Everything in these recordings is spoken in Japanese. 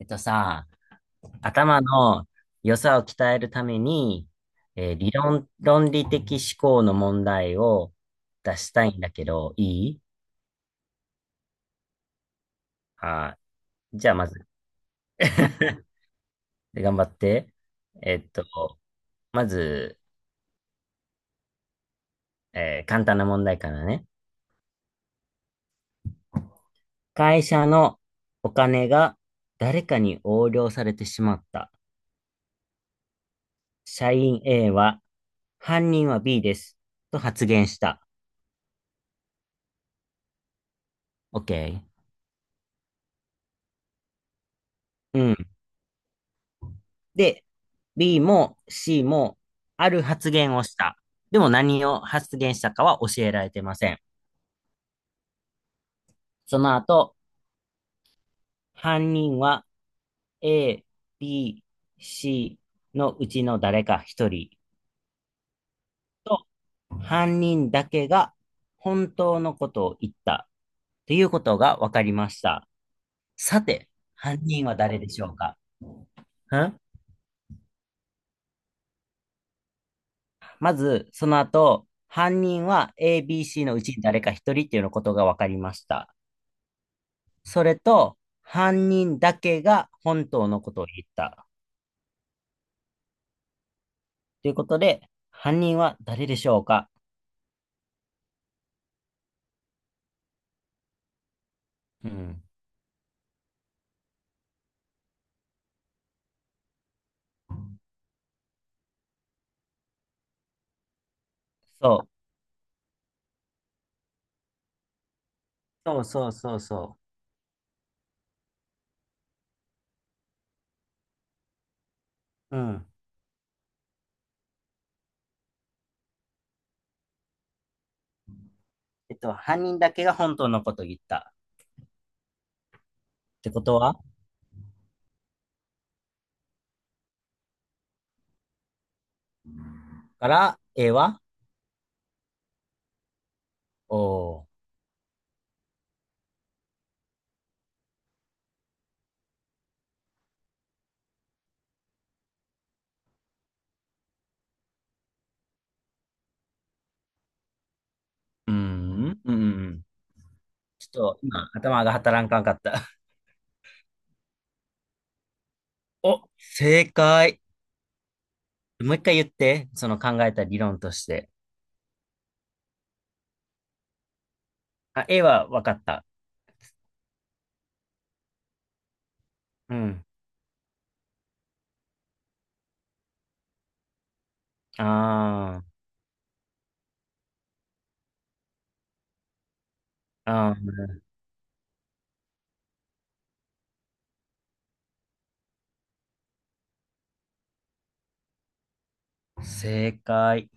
さ、頭の良さを鍛えるために、理論、論理的思考の問題を出したいんだけど、いいあー、じゃあまず で頑張って。えっと、まず、簡単な問題からね。会社のお金が誰かに横領されてしまった。社員 A は、犯人は B です。と発言した。OK。うん。で、B も C もある発言をした。でも何を発言したかは教えられてません。その後、犯人は A、B、C のうちの誰か一人と犯人だけが本当のことを言ったということが分かりました。さて、犯人は誰でしょうか？んまず、その後、犯人は A、B、C のうちに誰か一人っていうのことが分かりました。それと、犯人だけが本当のことを言った。ということで、犯人は誰でしょうか？うん。そう。そうそうそうそう。うん。犯人だけが本当のことを言った。ってことはから、A はおー。うーん。うん。ちょっと今、頭が働かんかった。お、正解。もう一回言って、その考えた理論として。あ、A は分かった。うん。あー、あー、正解。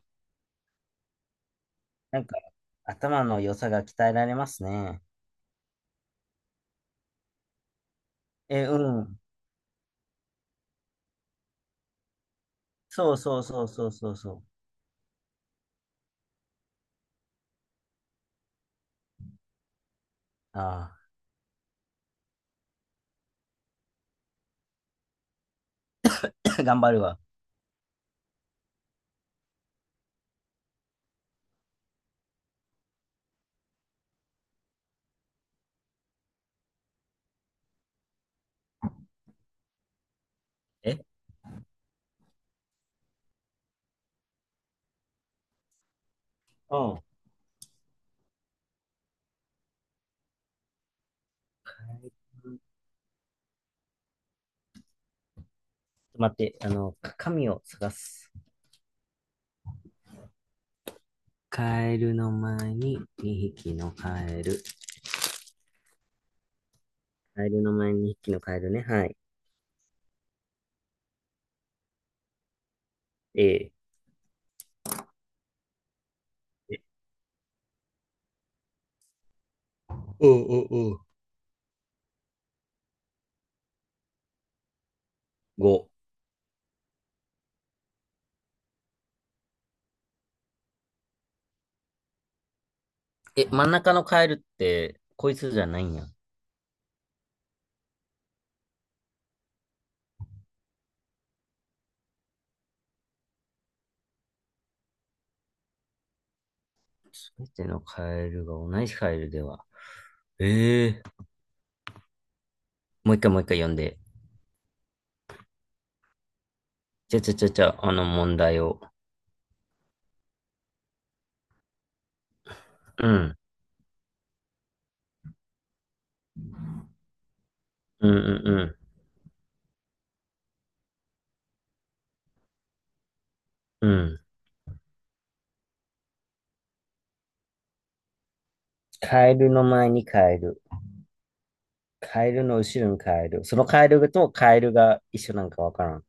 なんか、頭の良さが鍛えられますね。え、うん。そうそうそうそうそうそう。ああ、頑張るわ。え、うん。ちょっと待って、紙を探す。カエルの前に2匹のカエル。カエルの前に2匹のカエルね。はい。えー、えおうおうおう。5。え、真ん中のカエルって、こいつじゃないんや。すべてのカエルが同じカエルでは。ええ、もう一回もう一回読んで。じゃ、あの問題を。うん。うんうんうん。うん。カエルの前にカエル。カエルの後ろにカエル。そのカエルとカエルが一緒なんかわからん。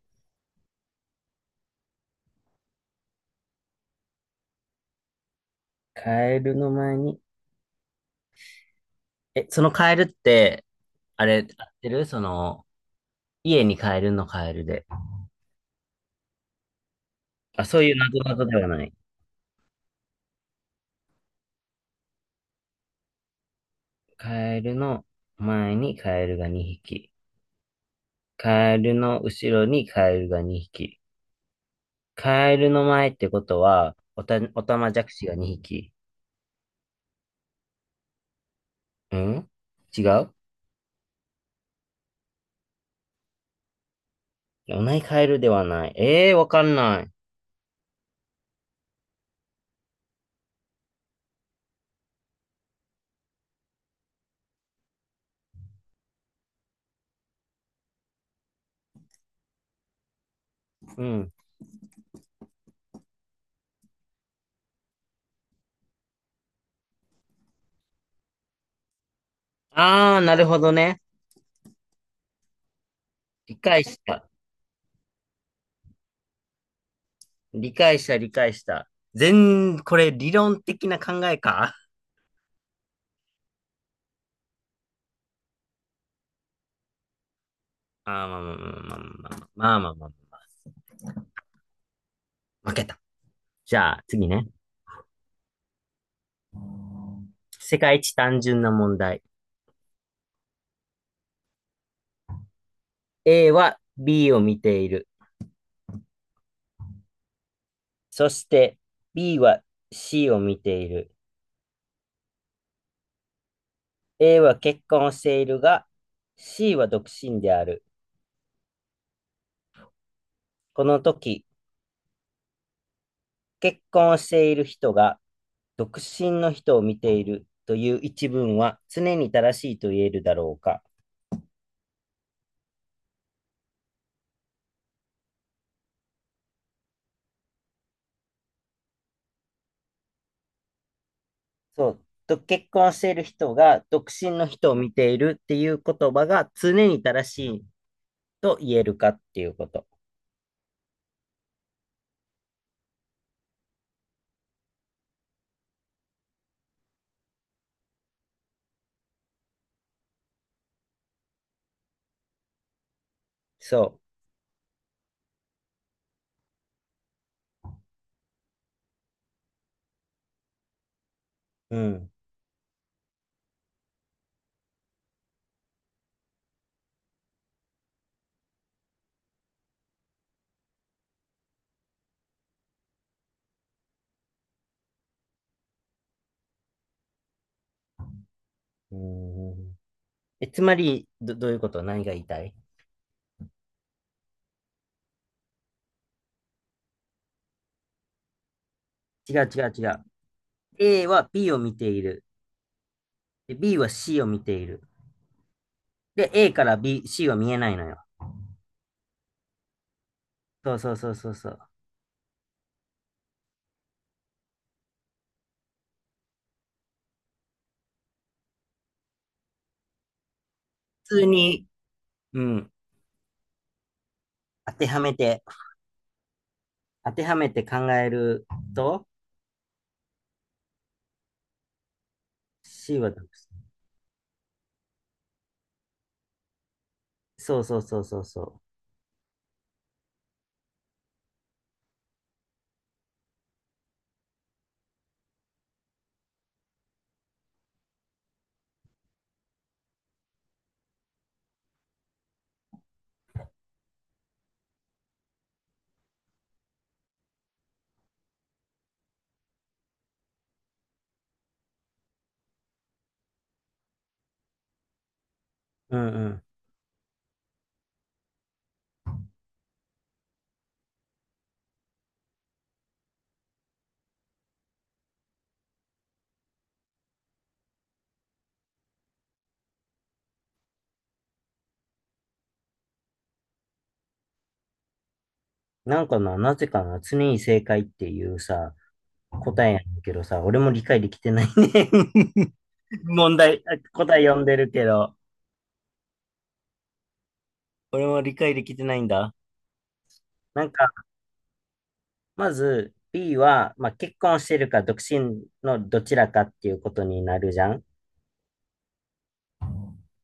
カエルの前に。え、そのカエルって、あれ、合ってるその、家にカエルのカエルで。あ、そういうなぞなぞではない。カエルの前にカエルが2匹。カエルの後ろにカエルが2匹。カエルの前ってことは、おたまじゃくしが2匹。ん違う。お前イカエルではない。ええー、わかんない。うん。あー、なるほどね。理解した。理解した、理解した。これ理論的な考えか？あー、まあまあまあまあまあまあまあまあまあ。負けた。じゃあ、次ね。世界一単純な問題。A は B を見ている。そして B は C を見ている。A は結婚をしているが、C は独身である。この時、結婚している人が独身の人を見ているという一文は常に正しいと言えるだろうか？そう。と結婚している人が独身の人を見ているっていう言葉が常に正しいと言えるかっていうこと。そう。うん。うん。え、つまり、どういうこと、何が言いたい？違う違う違う。A は B を見ている。で B は C を見ている。で、A から B、C は見えないのよ。そうそうそうそうそう。普通に、うん。当てはめて、当てはめて考えると、C は、そうそうそうそうそう。うんうん。なんかな、なぜかな、常に正解っていうさ、答えやねんけどさ、俺も理解できてないね。問題、答え読んでるけど、俺も理解できてないんだ。なんか、まず B は、まあ、結婚してるか独身のどちらかっていうことになるじゃん。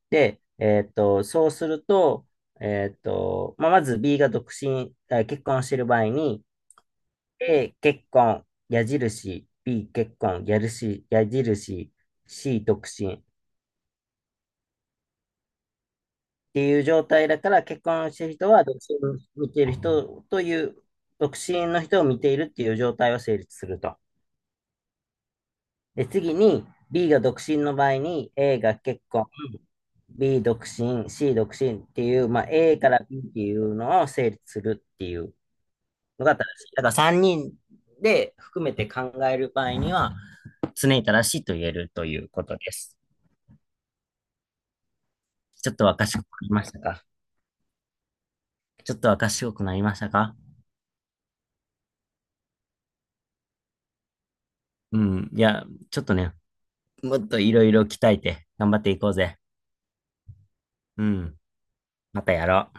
で、そうすると、まあ、まず B が独身、あ、結婚してる場合に、A、結婚、矢印、B、結婚、矢印、矢印、C、独身っていう状態だから、結婚してる人は独身を見ている人という、独身の人を見ているっていう状態を成立すると。で、次に B が独身の場合に A が結婚、B 独身、C 独身っていう、まあ、A から B っていうのを成立するっていうのが正しい。だから3人で含めて考える場合には常に正しいと言えるということです。ちょっとは賢くなりましたか？ちょっとは賢くなりましたか？うん。いや、ちょっとね、もっといろいろ鍛えて頑張っていこうぜ。うん。またやろう。